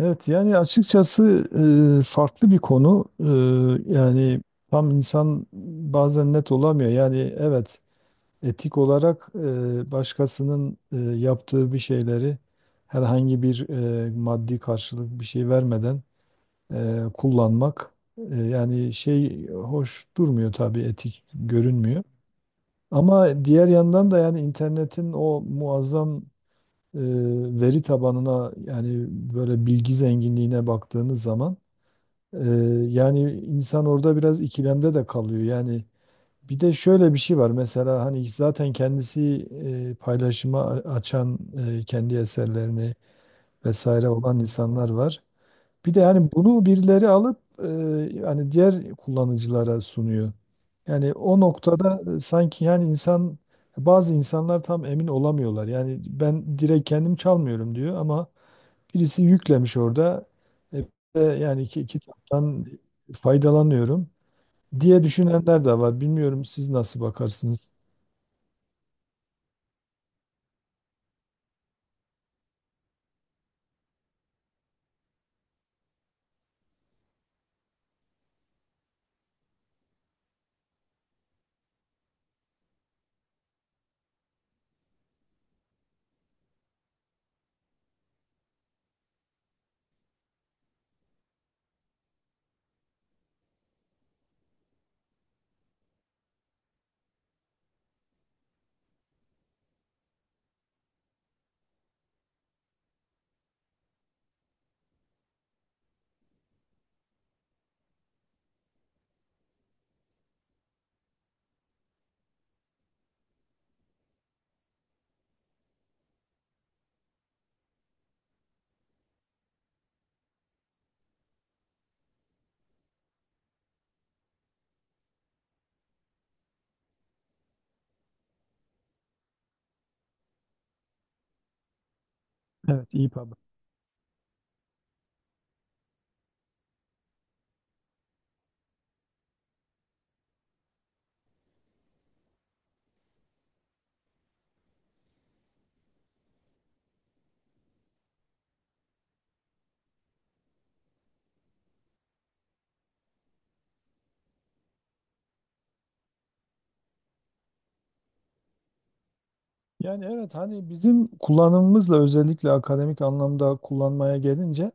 Evet yani açıkçası farklı bir konu. Yani tam insan bazen net olamıyor. Yani evet etik olarak başkasının yaptığı bir şeyleri herhangi bir maddi karşılık bir şey vermeden kullanmak, yani şey hoş durmuyor tabii, etik görünmüyor. Ama diğer yandan da yani internetin o muazzam e, veri tabanına, yani böyle bilgi zenginliğine baktığınız zaman, ee, yani insan orada biraz ikilemde de kalıyor. Yani bir de şöyle bir şey var. Mesela hani zaten kendisi açan kendi eserlerini vesaire olan insanlar var. Bir de yani bunu birileri alıp, yani diğer kullanıcılara sunuyor. Yani o noktada sanki yani bazı insanlar tam emin olamıyorlar. Yani ben direkt kendim çalmıyorum diyor ama birisi yüklemiş orada. E, yani kitaptan faydalanıyorum diye düşünenler de var. Bilmiyorum siz nasıl bakarsınız? Evet, iyi haber. Yani evet, hani bizim kullanımımızla, özellikle akademik anlamda kullanmaya gelince,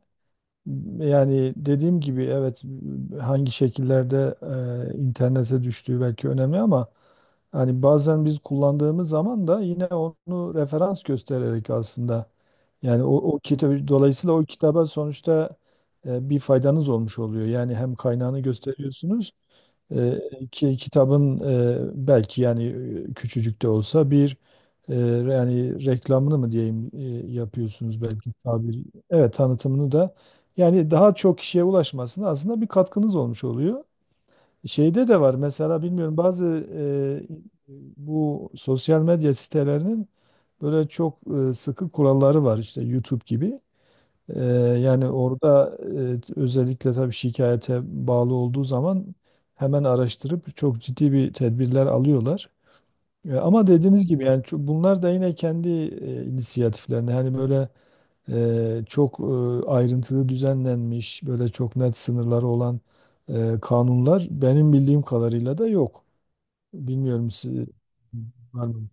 yani dediğim gibi evet, hangi şekillerde internete düştüğü belki önemli ama hani bazen biz kullandığımız zaman da yine onu referans göstererek aslında yani o kitabı, dolayısıyla o kitaba sonuçta bir faydanız olmuş oluyor. Yani hem kaynağını gösteriyorsunuz, e, kitabın belki yani küçücük de olsa bir, yani reklamını mı diyeyim, yapıyorsunuz belki tabiri. Evet, tanıtımını da yani daha çok kişiye ulaşmasına aslında bir katkınız olmuş oluyor. Şeyde de var mesela, bilmiyorum, bazı e, bu sosyal medya sitelerinin böyle çok sıkı kuralları var, işte YouTube gibi. Ee, Yani orada özellikle tabii şikayete bağlı olduğu zaman hemen araştırıp çok ciddi bir tedbirler alıyorlar. Ama dediğiniz gibi yani bunlar da yine kendi inisiyatiflerine, hani böyle çok ayrıntılı düzenlenmiş, böyle çok net sınırları olan kanunlar benim bildiğim kadarıyla da yok. Bilmiyorum, siz var mı?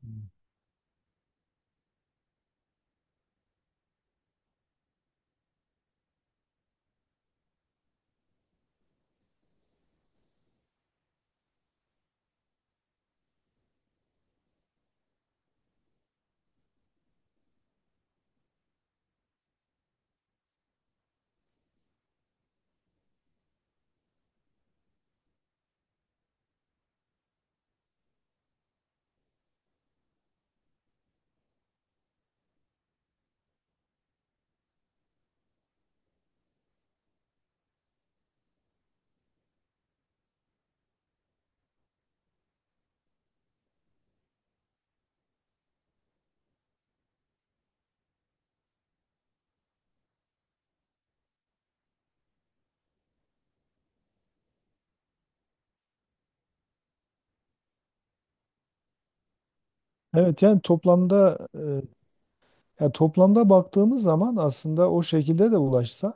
Evet yani toplamda, ya toplamda baktığımız zaman aslında o şekilde de ulaşsa,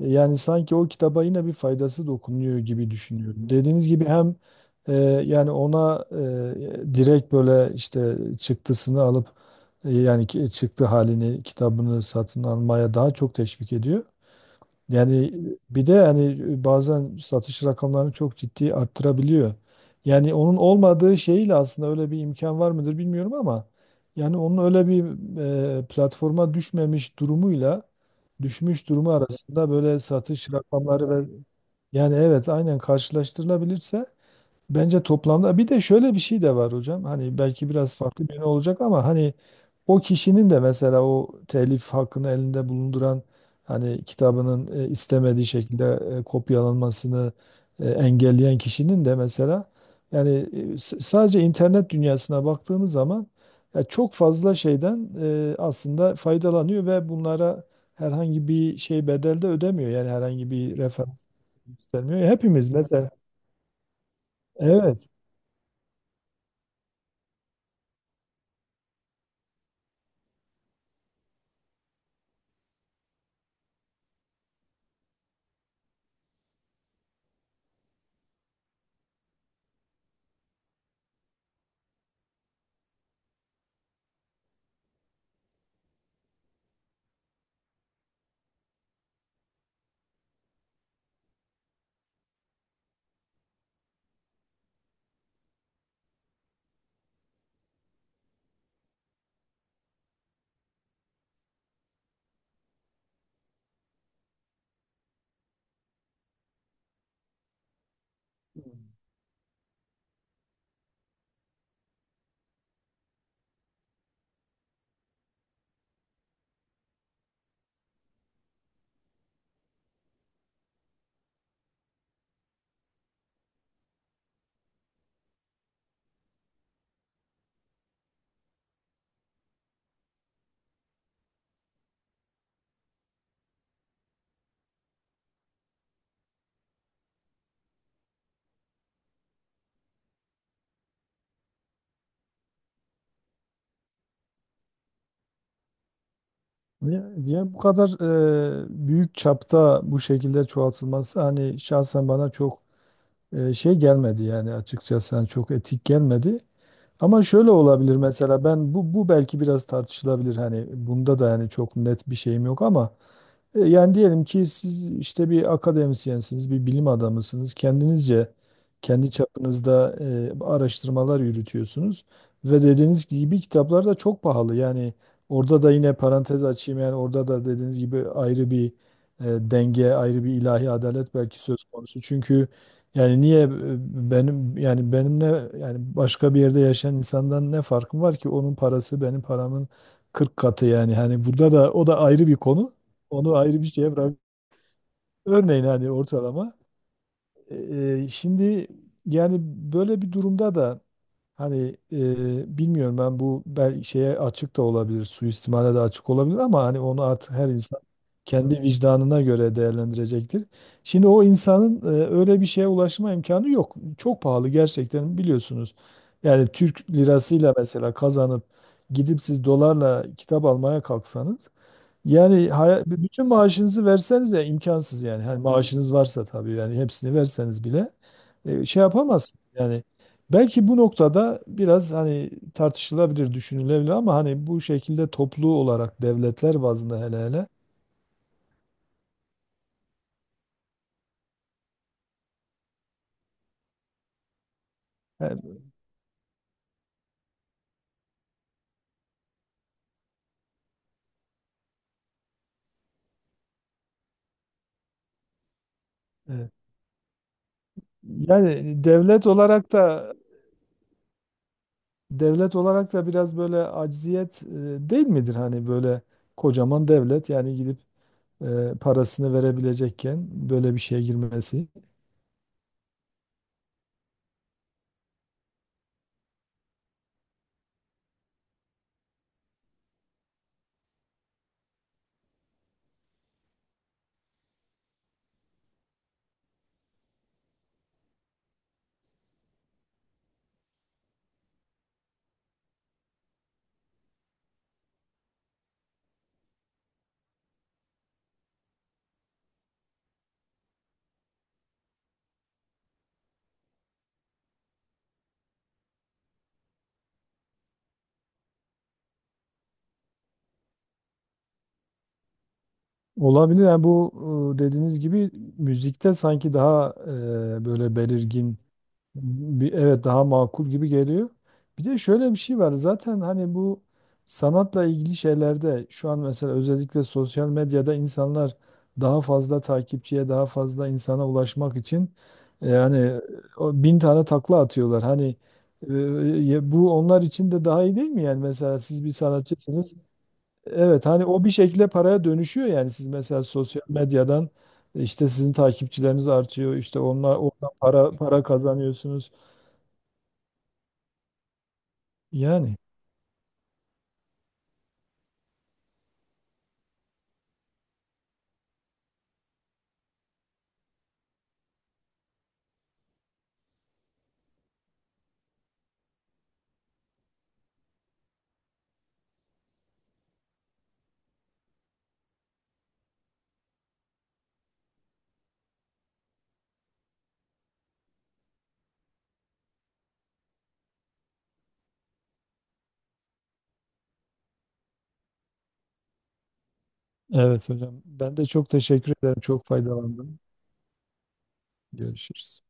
yani sanki o kitaba yine bir faydası dokunuyor gibi düşünüyorum. Dediğiniz gibi hem e, yani ona direkt böyle işte çıktısını alıp, çıktı halini, kitabını satın almaya daha çok teşvik ediyor. Yani bir de hani bazen satış rakamlarını çok ciddi arttırabiliyor. Yani onun olmadığı şeyle aslında öyle bir imkan var mıdır bilmiyorum ama yani onun öyle bir platforma düşmemiş durumuyla düşmüş durumu arasında böyle satış rakamları ve yani evet aynen karşılaştırılabilirse. Bence toplamda bir de şöyle bir şey de var hocam. Hani belki biraz farklı bir yönü olacak ama hani o kişinin de mesela, o telif hakkını elinde bulunduran, hani kitabının istemediği şekilde kopyalanmasını engelleyen kişinin de mesela yani sadece internet dünyasına baktığımız zaman ya çok fazla şeyden aslında faydalanıyor ve bunlara herhangi bir şey bedel de ödemiyor. Yani herhangi bir referans göstermiyor. Hepimiz mesela evet. Ya, ya bu kadar büyük çapta bu şekilde çoğaltılması hani şahsen bana çok şey gelmedi yani, açıkçası hani çok etik gelmedi. Ama şöyle olabilir mesela, ben bu belki biraz tartışılabilir, hani bunda da yani çok net bir şeyim yok ama yani diyelim ki siz işte bir akademisyensiniz, bir bilim adamısınız. Kendinizce, kendi çapınızda araştırmalar yürütüyorsunuz ve dediğiniz gibi kitaplar da çok pahalı. Yani orada da yine parantez açayım, yani orada da dediğiniz gibi ayrı bir e, denge, ayrı bir ilahi adalet belki söz konusu. Çünkü yani niye benim, yani benimle, yani başka bir yerde yaşayan insandan ne farkım var ki? Onun parası benim paramın 40 katı. Yani hani burada da o da ayrı bir konu. Onu ayrı bir şeye bırak. Örneğin hani ortalama. Şimdi yani böyle bir durumda da hani, bilmiyorum, ben bu belki şeye açık da olabilir, suistimale de açık olabilir, ama hani onu artık her insan kendi vicdanına göre değerlendirecektir. Şimdi o insanın, öyle bir şeye ulaşma imkanı yok. Çok pahalı gerçekten, biliyorsunuz. Yani Türk lirasıyla mesela kazanıp gidip siz dolarla kitap almaya kalksanız yani bütün maaşınızı verseniz, ya imkansız yani. Hani maaşınız varsa tabii, yani hepsini verseniz bile şey yapamazsınız. Yani belki bu noktada biraz hani tartışılabilir, düşünülebilir, ama hani bu şekilde toplu olarak devletler bazında, hele hele yani, e, yani devlet olarak da biraz böyle acziyet değil midir? Hani böyle kocaman devlet yani gidip parasını verebilecekken böyle bir şeye girmesi. Olabilir. Yani bu, dediğiniz gibi müzikte sanki daha böyle belirgin bir, evet, daha makul gibi geliyor. Bir de şöyle bir şey var. Zaten hani bu sanatla ilgili şeylerde şu an mesela, özellikle sosyal medyada insanlar daha fazla takipçiye, daha fazla insana ulaşmak için yani o bin tane takla atıyorlar. Hani e, ya bu onlar için de daha iyi değil mi? Yani mesela siz bir sanatçısınız. Evet, hani o bir şekilde paraya dönüşüyor, yani siz mesela sosyal medyadan, işte sizin takipçileriniz artıyor, işte onlar oradan para kazanıyorsunuz. Yani evet hocam, ben de çok teşekkür ederim. Çok faydalandım. Görüşürüz.